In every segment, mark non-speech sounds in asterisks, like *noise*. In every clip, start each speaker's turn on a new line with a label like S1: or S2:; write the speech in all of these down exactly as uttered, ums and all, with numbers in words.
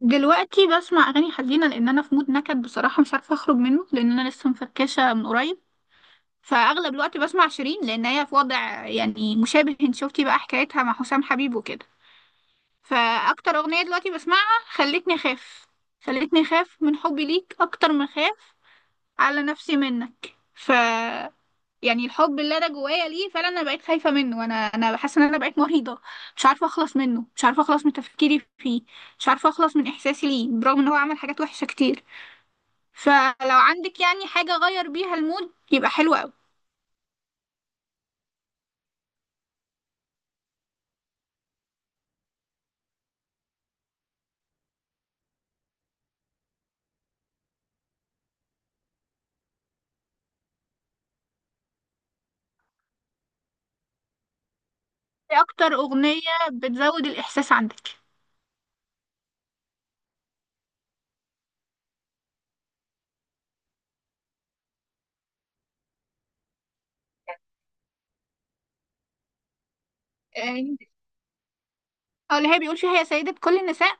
S1: دلوقتي بسمع اغاني حزينه لان انا في مود نكد بصراحه، مش عارفه اخرج منه لان انا لسه مفركشه من قريب. فاغلب الوقت بسمع شيرين لان هي في وضع يعني مشابه. انت شفتي بقى حكايتها مع حسام حبيب وكده. فاكتر اغنيه دلوقتي بسمعها خلتني اخاف. خلتني اخاف من حبي ليك اكتر ما اخاف على نفسي منك. ف يعني الحب اللي انا جوايا ليه فعلا انا بقيت خايفه منه، وانا انا حاسه ان انا بقيت مريضه. مش عارفه اخلص منه، مش عارفه اخلص من تفكيري فيه، مش عارفه اخلص من احساسي ليه برغم ان هو عمل حاجات وحشه كتير. فلو عندك يعني حاجه غير بيها المود يبقى حلو قوي. ايه اكتر اغنيه بتزود الاحساس عندك؟ اه. آه، اللي هي بيقول فيها يا سيده كل النساء.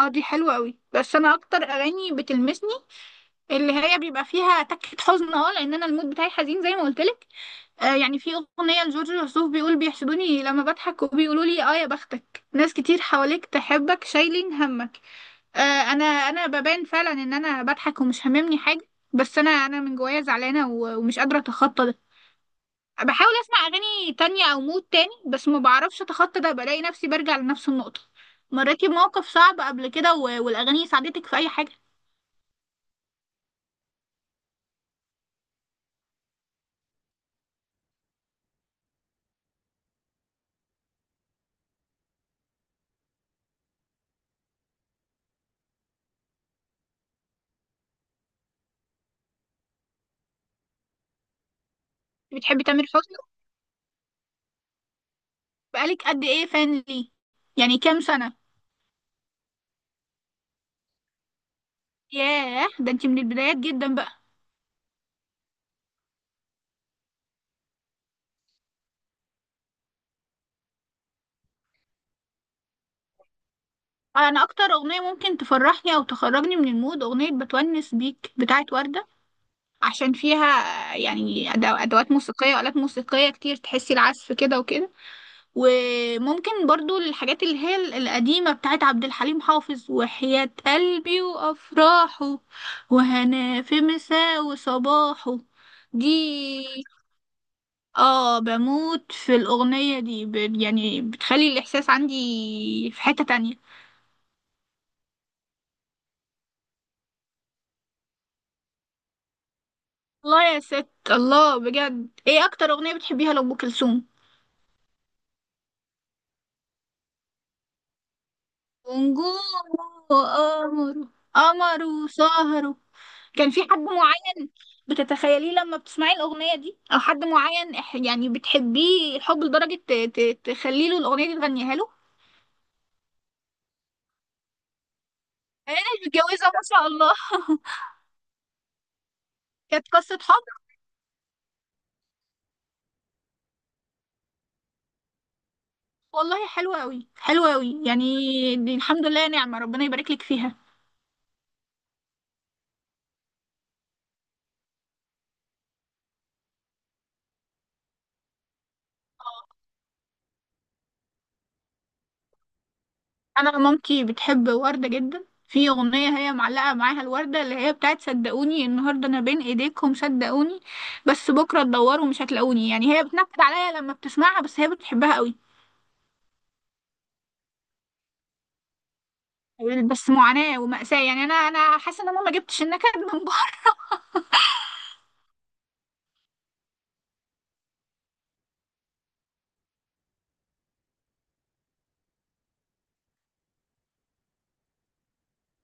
S1: اه دي حلوه قوي بس انا اكتر اغاني بتلمسني اللي هي بيبقى فيها تكه حزن، اه لان انا المود بتاعي حزين زي ما قلت لك. آه يعني في أغنية لجورج وسوف بيقول بيحسدوني لما بضحك وبيقولوا لي اه يا بختك ناس كتير حواليك تحبك شايلين همك. آه. انا انا ببان فعلا ان انا بضحك ومش هاممني حاجة، بس انا انا من جوايا زعلانة و- ومش قادرة اتخطى ده. بحاول اسمع اغاني تانية او مود تاني بس ما بعرفش اتخطى ده، بلاقي نفسي برجع لنفس النقطة. مريتي بموقف صعب قبل كده و- والاغاني ساعدتك في اي حاجة؟ بتحبي تامر حسني؟ بقالك قد ايه فان ليه؟ يعني كام سنة؟ ياه ده انت من البدايات جدا بقى. انا اكتر اغنيه ممكن تفرحني او تخرجني من المود اغنيه بتونس بيك بتاعت ورده، عشان فيها يعني أدو- ادوات موسيقيه والات موسيقيه كتير تحسي العزف كده وكده. وممكن برضو الحاجات اللي هي ال- القديمه بتاعت عبد الحليم حافظ، وحياة قلبي وافراحه، وهنا في مساء وصباحه. دي اه بموت في الاغنيه دي، ب- يعني بتخلي الاحساس عندي في حته تانية. الله يا ست الله! بجد ايه اكتر اغنية بتحبيها لأم كلثوم؟ ونجوم. وقمر. قمر وسهر. كان في حد معين بتتخيليه لما بتسمعي الأغنية دي، او حد معين إح- يعني بتحبيه الحب لدرجة ت- ت- تخلي له الأغنية دي تغنيها له؟ انا متجوزة ما شاء الله. كانت قصة حب؟ والله حلوة أوي، حلوة أوي يعني. دي الحمد لله نعمة، ربنا يبارك لك فيها. انا مامتي بتحب وردة جدا، في اغنية هي معلقة معاها الوردة اللي هي بتاعت صدقوني النهاردة انا بين ايديكم، صدقوني بس بكرة تدوروا مش هتلاقوني يعني. هي بتنكد عليا لما بتسمعها بس هي بتحبها قوي. بس معاناة ومأساة يعني. انا انا حاسة ان انا ما جبتش النكد من بره. *laughs*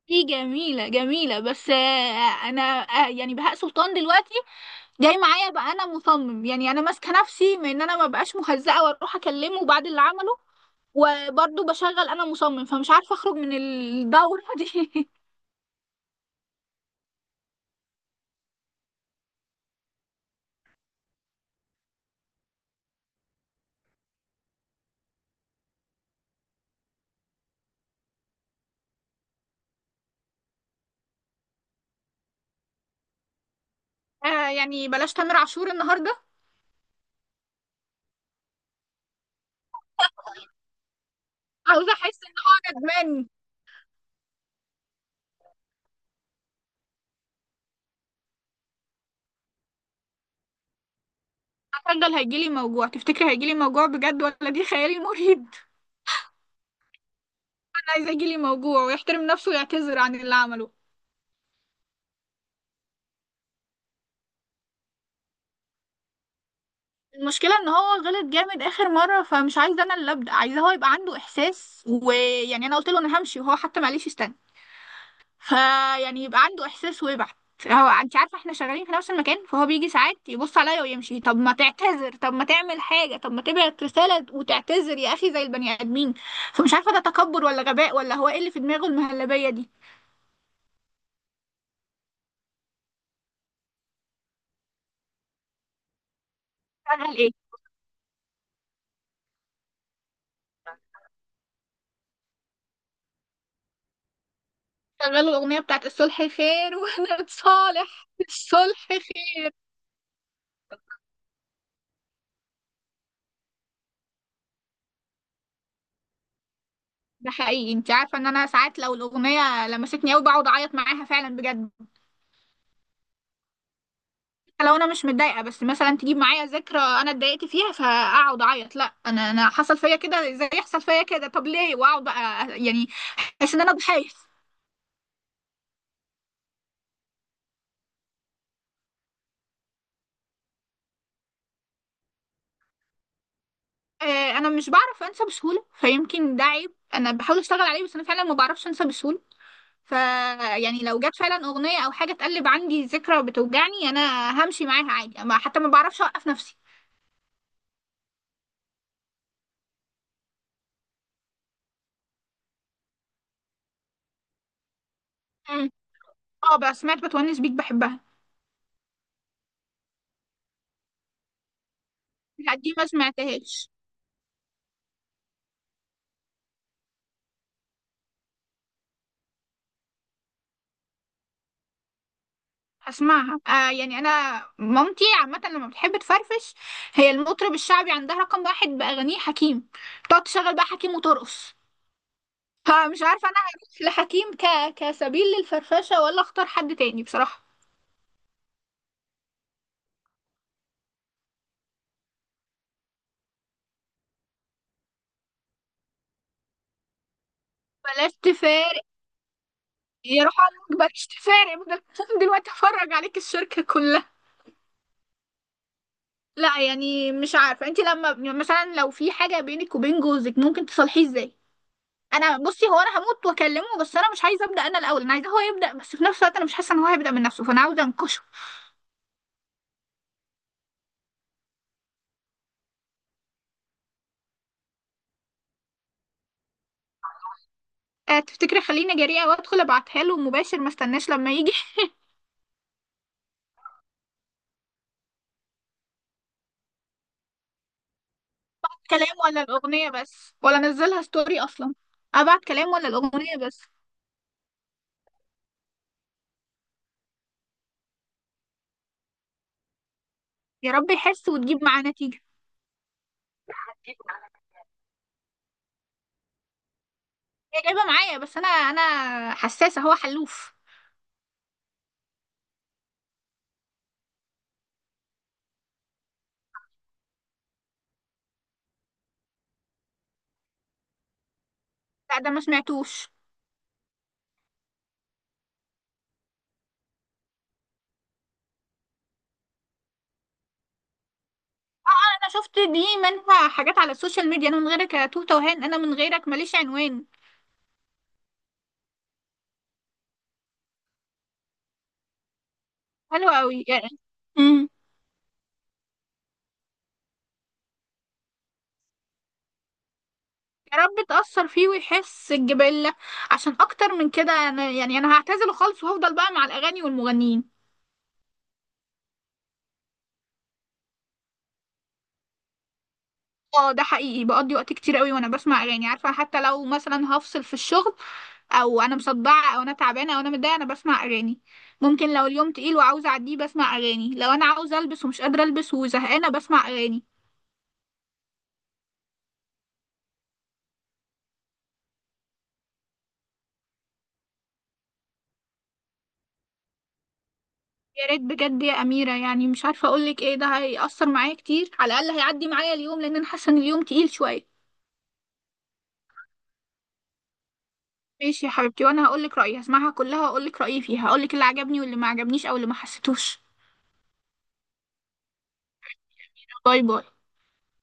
S1: دي جميلة جميلة بس، آه، انا آه، يعني بهاء سلطان دلوقتي جاي معايا بقى. انا مصمم يعني. انا ماسكة نفسي من ان انا ما بقاش مهزقة واروح اكلمه بعد اللي عمله، وبرضه بشغل انا مصمم، فمش عارفه اخرج من الدوره دي. *laughs* آه يعني بلاش تامر عاشور النهارده. عاوزه احس ان هو ندمان. هشغل هيجيلي موجوع. تفتكري هيجيلي موجوع بجد ولا دي خيالي المريب؟ *laughs* انا عايزه يجيلي موجوع ويحترم نفسه ويعتذر عن اللي عمله. المشكله ان هو غلط جامد اخر مره، فمش عايزه انا اللي ابدا. عايزه هو يبقى عنده احساس، ويعني انا قلت له انا همشي وهو حتى معلش استنى. فيعني يبقى عنده احساس ويبعت. هو انت عارفه احنا شغالين في نفس المكان، فهو بيجي ساعات يبص عليا ويمشي. طب ما تعتذر، طب ما تعمل حاجه، طب ما تبعت رساله وتعتذر يا اخي زي البني ادمين. فمش عارفه ده تكبر ولا غباء، ولا هو ايه اللي في دماغه المهلبيه دي. شغال ايه؟ شغال الاغنيه بتاعت الصلح خير. *laughs* واحنا بتصالح الصلح خير. ده حقيقي. انت عارفه ان انا ساعات لو الاغنيه لمستني قوي بقعد اعيط معاها فعلا بجد. لو انا مش متضايقه بس مثلا تجيب معايا ذكرى انا اتضايقت فيها، فاقعد اعيط، لا انا انا حصل فيا كده زي يحصل فيا كده. طب ليه واقعد بقى يعني؟ احس ان انا ضحيه. آه، انا مش بعرف انسى بسهوله، فيمكن ده عيب. انا بحاول اشتغل عليه بس انا فعلا ما بعرفش انسى بسهوله. ف يعني لو جت فعلا اغنيه او حاجه تقلب عندي ذكرى بتوجعني انا همشي معاها عادي، ما حتى ما بعرفش اوقف نفسي. مم. اه بس سمعت بتونس بيك بحبها. لا دي ما سمعتهاش. هسمعها. آه يعني انا مامتي عامه لما بتحب تفرفش هي المطرب الشعبي عندها رقم واحد باغانيه حكيم. تقعد تشغل بقى حكيم وترقص. فمش عارفه انا هروح لحكيم ك... كسبيل للفرفشه ولا اختار حد تاني بصراحه. بلاش تفارق. يا روح عليك بلاش تفارق بدل. *laughs* دلوقتي افرج عليك الشركه كلها. لا يعني مش عارفه. انت لما يعني مثلا لو في حاجه بينك وبين جوزك ممكن تصلحيه ازاي؟ انا بصي هو انا هموت واكلمه، بس انا مش عايزه ابدا انا الاول. انا عايزاه هو يبدا، بس في نفس الوقت انا مش حاسه ان هو هيبدا من نفسه، فانا عاوزه انكشه. أه تفتكري خليني جريئه وادخل ابعتها له مباشر ما استناش لما يجي؟ *laughs* كلام ولا الاغنيه بس؟ ولا انزلها ستوري اصلا؟ ابعت كلام ولا الاغنيه بس؟ يا رب يحس وتجيب معاه نتيجه. هي جايبه معايا بس انا انا حساسه هو حلوف. لا ده ما سمعتوش. انا شفت دي منها حاجات على السوشيال ميديا: انا من غيرك يا توته وهان، انا من غيرك ماليش عنوان. حلو قوي يعني. مم. يا رب تأثر فيه ويحس الجبلة. عشان أكتر من كده أنا يعني، أنا هعتزله خالص وأفضل بقى مع الأغاني والمغنيين. اه ده حقيقي. بقضي وقت كتير قوي وأنا بسمع أغاني. عارفة حتى لو مثلا هفصل في الشغل أو أنا مصدعة أو أنا تعبانة أو أنا متضايقة أنا بسمع أغاني. ممكن لو اليوم تقيل وعاوزة أعديه بسمع أغاني. لو أنا عاوزة ألبس ومش قادرة ألبس وزهقانة بسمع أغاني. يا ريت بجد يا أميرة. يعني مش عارفة أقولك إيه. ده هيأثر معايا كتير. على الأقل هيعدي معايا اليوم، لأن أنا حاسة إن اليوم تقيل شوية. ماشي يا حبيبتي، وانا هقولك رأيي. هسمعها كلها واقولك رأيي فيها. هقولك اللي عجبني واللي ما عجبنيش او اللي ما حسيتوش. باي باي.